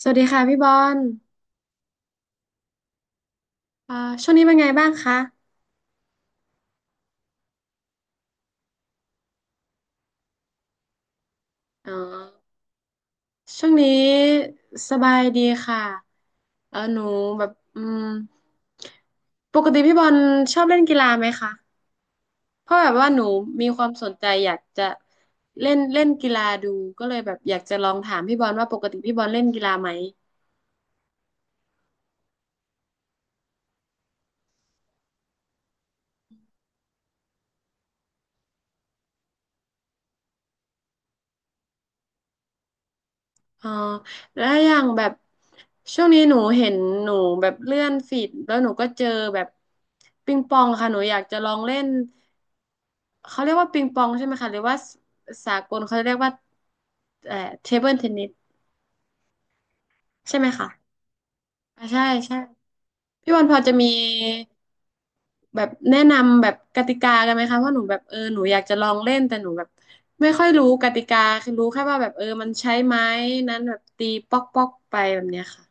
สวัสดีค่ะพี่บอลอ่าช่วงนี้เป็นไงบ้างคะอ๋อช่วงนี้สบายดีค่ะเออหนูแบบอืมปกติพี่บอลชอบเล่นกีฬาไหมคะ เพราะแบบว่าหนูมีความสนใจอยากจะเล่นเล่นกีฬาดูก็เลยแบบอยากจะลองถามพี่บอลว่าปกติพี่บอลเล่นกีฬาไหมอ๋อแล้วอย่างแบบช่วงนี้หนูเห็นหนูแบบเลื่อนฟีดแล้วหนูก็เจอแบบปิงปองค่ะหนูอยากจะลองเล่น เขาเรียกว่าปิงปองใช่ไหมคะหรือว่าสากลเขาเรียกว่าเอ่อเทเบิลเทนนิสใช่ไหมคะอ่าใช่ใช่พี่วันพอจะมีแบบแนะนำแบบกติกากันไหมคะว่าหนูแบบเออหนูอยากจะลองเล่นแต่หนูแบบไม่ค่อยรู้กติกาคือรู้แค่ว่าแบบเออมันใช้ไม้นั้นแบบตีป๊อกป๊อกไปแบบเนี้ยค่ะ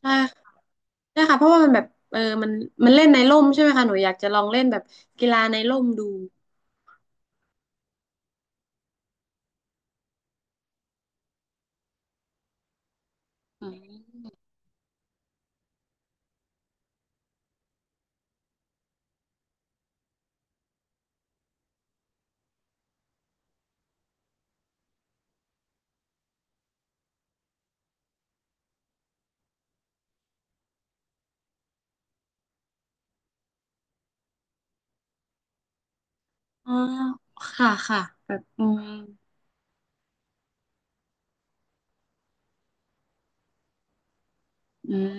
ใช่ค่ะใช่ค่ะเพราะว่ามันแบบเออมันเล่นในร่มใช่ไหมคะหนูอยากจะลองเล่นแบบกีฬาในร่มดูอืมอ๋อค่ะค่ะแบบอืมอืม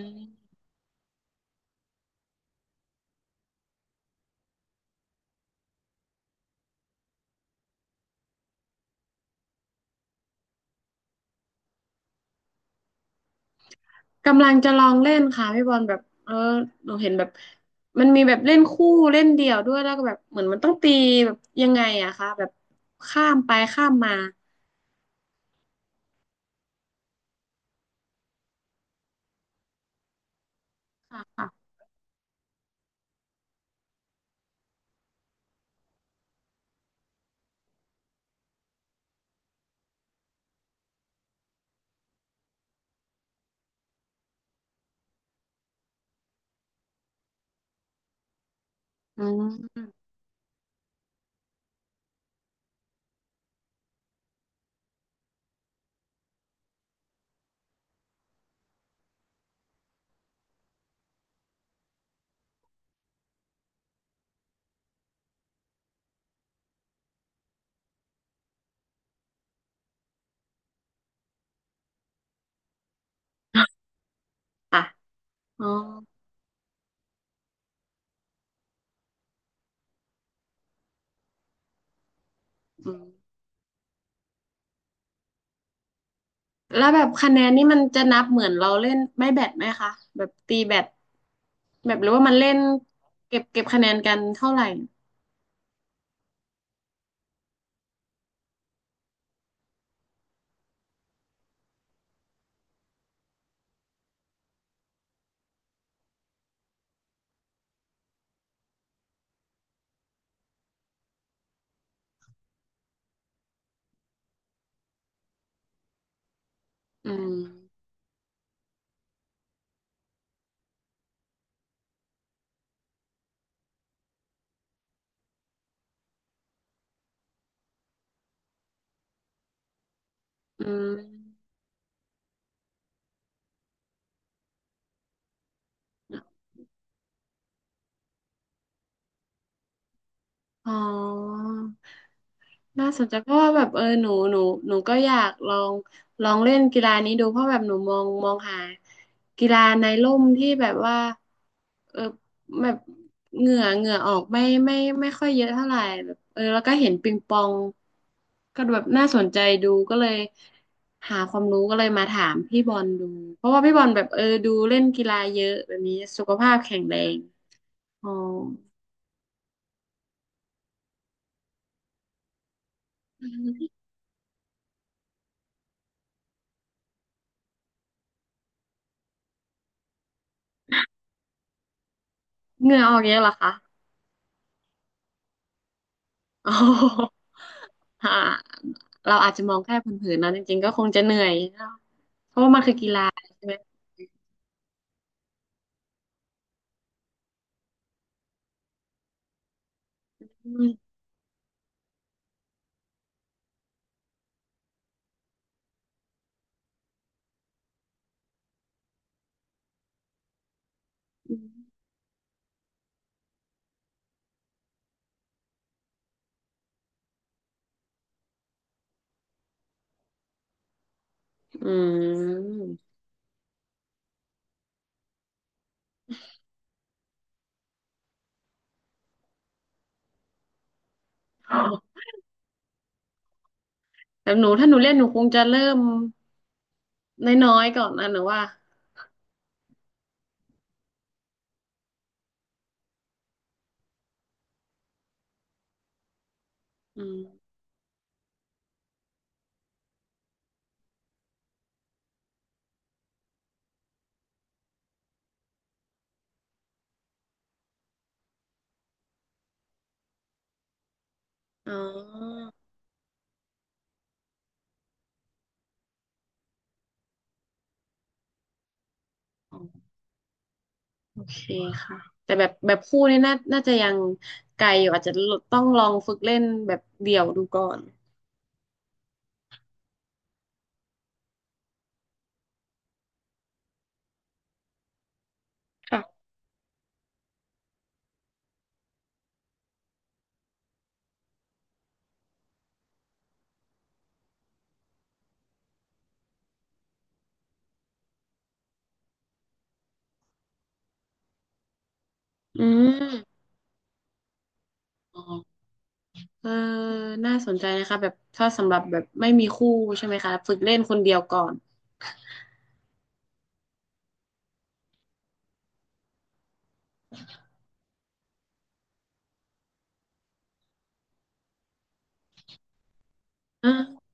กำลังจะลองเล่นค่ะพี่บอลแบบเออเราเห็นแบบมันมีแบบเล่นคู่เล่นเดี่ยวด้วยแล้วก็แบบเหมือนมันต้องตีแบบยังไงอะคะแบบข้ามไปข้ามมาค่ะค่ะอืมค่ะอ๋ออืมแล้วแบบคะแนนนี่มันจะนับเหมือนเราเล่นไม่แบดไหมคะแบบตีแบดแบบหรือว่ามันเล่นเก็บคะแนนกันเท่าไหร่อืมอืมอ๋อ น่าสนใจเพราะว่าแบบเออหนูก็อยากลองเล่นกีฬานี้ดูเพราะแบบหนูมองหากีฬาในร่มที่แบบว่าเออแบบเหงื่อออกไม่ค่อยเยอะเท่าไหร่แบบเออแล้วก็เห็นปิงปองก็แบบน่าสนใจดูก็เลยหาความรู้ก็เลยมาถามพี่บอลดูเพราะว่าพี่บอลแบบเออดูเล่นกีฬาเยอะแบบนี้สุขภาพแข็งแรงอ๋อเหงื่อออกเยอะเหรอคะ โอ้โหอ่ะ เราอาจจะมองแค่เผินๆนะจริงๆก็คงจะเหนื่อยเนอะเพราะว่ามันคือกีฬาใช่ไหมอืมอืมแต่หนูถ้าหนูเล่นหนูคงจะเริ่มน้อยๆก่อนนะหนูว่าอืมอ๋อ โอเคค่ะ แต่แบบคู่นี่น่าจะยังไกลอยู่อาจจะต้องลองฝึกเล่นแบบเดี่ยวดูก่อนค่ะอืมอ๋อ เออน่าสนใจนะคะแบบถ้าสำหรับแบบไม่มีคู่ใช่ไหมคะฝึกเล่นคนเดียวก่อนอ่า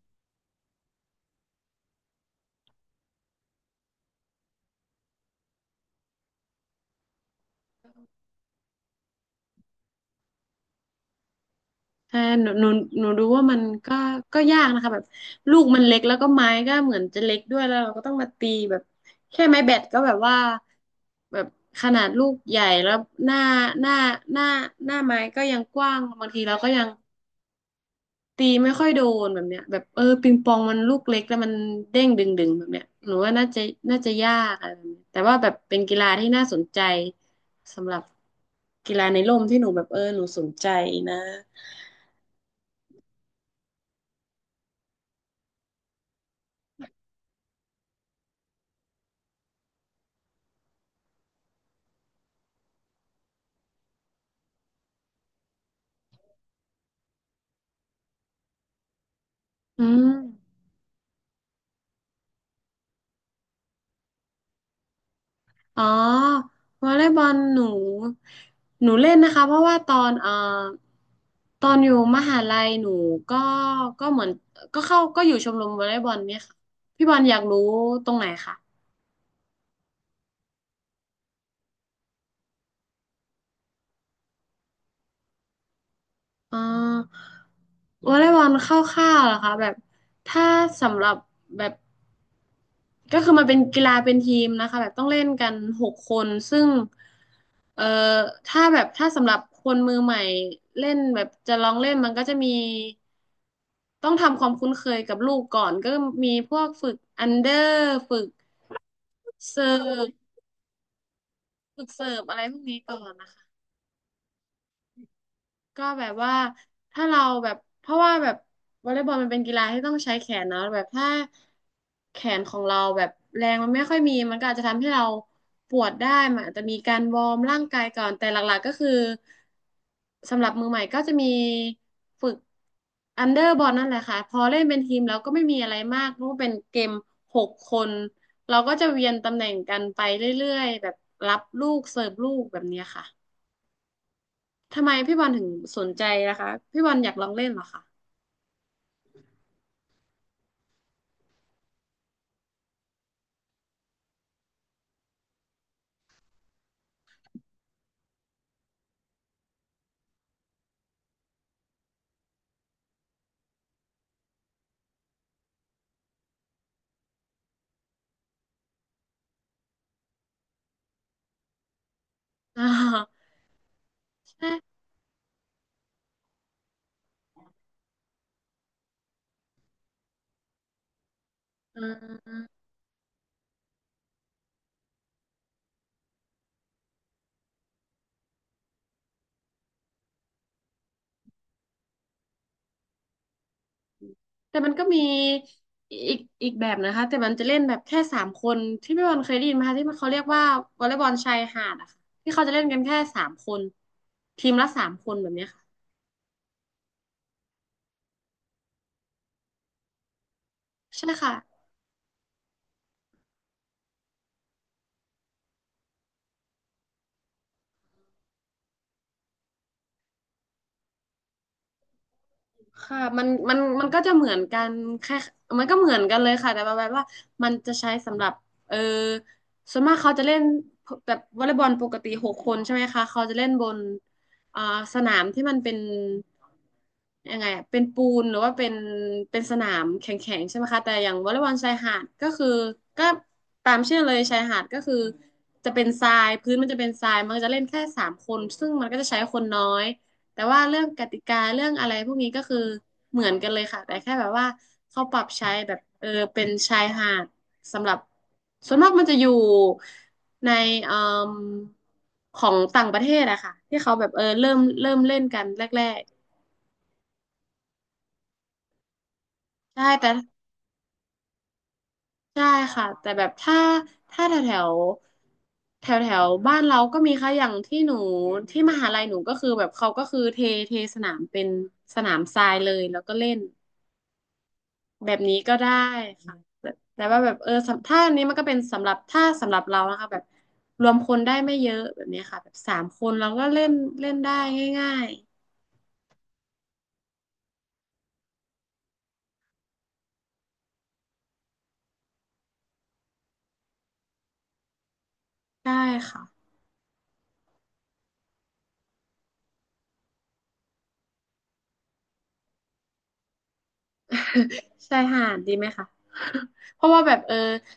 แต่หนูดูว่ามันก็ก็ยากนะคะแบบลูกมันเล็กแล้วก็ไม้ก็เหมือนจะเล็กด้วยแล้วเราก็ต้องมาตีแบบแค่ไม้แบตก็แบบว่าแบบขนาดลูกใหญ่แล้วหน้าหน้าหน้าหน้าไม้ก็ยังกว้างบางทีเราก็ยัง ตีไม่ค่อยโดนแบบเนี้ยแบบเออปิงปองมันลูกเล็กแล้วมันเด้งดึงแบบเนี้ยหนูว่าน่าจะยากอะไรแบบเนี้ยแต่ว่าแบบเป็นกีฬาที่น่าสนใจสำหรับกีฬาในร่มที่หนูแบบเออหนูสนใจนะอืมอ๋อวอลเลย์บอลหนูเล่นนะคะเพราะว่าตอนตอนอยู่มหาลัยหนูก็ก็เหมือนก็เข้าก็อยู่ชมรมวอลเลย์บอลเนี่ยค่ะพี่บอลอยากรู้ตรงไหนคะ อ่าวอลเลย์บอลคร่าวๆเหรอคะแบบถ้าสำหรับแบบก็คือมันเป็นกีฬาเป็นทีมนะคะแบบต้องเล่นกันหกคนซึ่งเอ่อถ้าแบบถ้าสำหรับคนมือใหม่เล่นแบบจะลองเล่นมันก็จะมีต้องทำความคุ้นเคยกับลูกก่อนก็มีพวกฝึกอันเดอร์ฝึกเซิร์ฟฝึกเสิร์ฟอะไรพวกนี้ก่อนนะคะ ก็แบบว่าถ้าเราแบบเพราะว่าแบบวอลเลย์บอลมันเป็นกีฬาที่ต้องใช้แขนเนาะแบบถ้าแขนของเราแบบแรงมันไม่ค่อยมีมันก็อาจจะทำให้เราปวดได้มันอาจจะมีการวอร์มร่างกายก่อนแต่หลักๆก็คือสำหรับมือใหม่ก็จะมีฝึกอันเดอร์บอลนั่นแหละค่ะพอเล่นเป็นทีมแล้วก็ไม่มีอะไรมากเพราะว่าเป็นเกมหกคนเราก็จะเวียนตำแหน่งกันไปเรื่อยๆแบบรับลูกเสิร์ฟลูกแบบเนี้ยค่ะ ทำไมพี่บอลถึงสนใจนะคะพี่บอลอยากลองเล่นเหรอคะอ่า ใช่อ่าแต่มันก็มีอีกอีกแบบนะคะแต่มันจะเล่นแบบแค่สามคนที่พี่บอลเคยได้ยินไหมคะที่มันเขาเรียกว่าวอลเลย์บอลชายหาดอะค่ะที่เขาจะเล่นกันแค่สามคนทีมละสามคนแบบเนี้ยค่ะใช่ค่ะ ค่ะมันก็จะเหมือนกันแค่มันก็เหมือนกันเลยค่ะแต่ประมาณว่ามันจะใช้สำหรับเออส่วนมากเขาจะเล่นแบบวอลเลย์บอลปกติหกคนใช่ไหมคะเขาจะเล่นบนอ่าสนามที่มันเป็นยังไงอะเป็นปูนหรือว่าเป็นเป็นสนามแข็งๆใช่ไหมคะแต่อย่างวอลเลย์บอลชายหาดก็คือก็ตามชื่อเลยชายหาดก็คือจะเป็นทรายพื้นมันจะเป็นทรายมันก็จะเล่นแค่สามคนซึ่งมันก็จะใช้คนน้อย แต่ว่าเรื่องกติกาเรื่องอะไรพวกนี้ก็คือเหมือนกันเลยค่ะแต่แค่แบบว่าเขาปรับใช้แบบเป็นชายหาดสำหรับส่วนมากมันจะอยู่ในเอ่มของต่างประเทศอะค่ะที่เขาแบบเริ่มเล่นกันแรกๆใช่แต่ใช่ค่ะแต่แบบถ้าแถวแถวแถวแถวบ้านเราก็มีค่ะอย่างที่หนูที่มหาลัยหนูก็คือแบบเขาก็คือเทสนามเป็นสนามทรายเลยแล้วก็เล่น แบบนี้ก็ได้ค่ะแต่แต่ว่าแบบสำถ้าอันนี้มันก็เป็นสำหรับถ้าสำหรับเรานะคะแบบรวมคนได้ไม่เยอะแบบนี้ค่ะแบบสามคนเราก็เล่นเล่นได้ง่ายๆได้ค่ะ ชายหาดดีไหมคะ เพราะว่าแบบ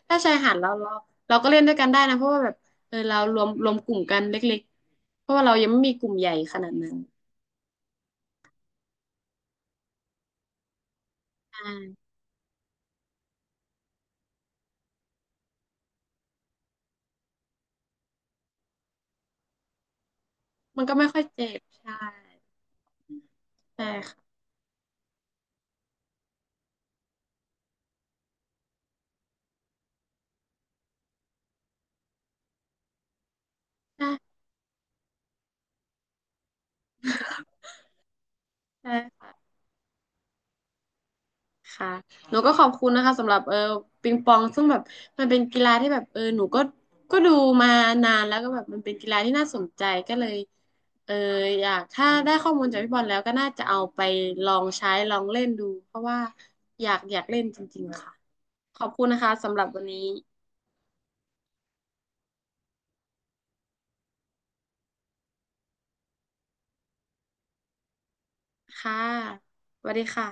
ถ้าชายหาดเราเราก็เล่นด้วยกันได้นะเพราะว่าแบบเรารวมกลุ่มกันเล็กๆเพราะว่าเรายังไม่มีกลุ่มใหญ่ขนาดนั้นใช่มันก็ไม่ค่อยเจ็บใช่ใช่ค่ะใช่ใช่ค่ะ ค่ะหนูก็ขอบคุณนะคะสำหรับปิงปองซึ่งแบบมันเป็นกีฬาที่แบบหนูก็ก็ดูมานานแล้วก็แบบมันเป็นกีฬาที่น่าสนใจก็เลยเอออยากถ้าได้ข้อมูลจากพี่บอลแล้วก็น่าจะเอาไปลองใช้ลองเล่นดูเพราะว่าอยากเล่นจริงๆค่ะขอบคุณนะคะสำหรับวันนี้ค่ะสวัสดีค่ะ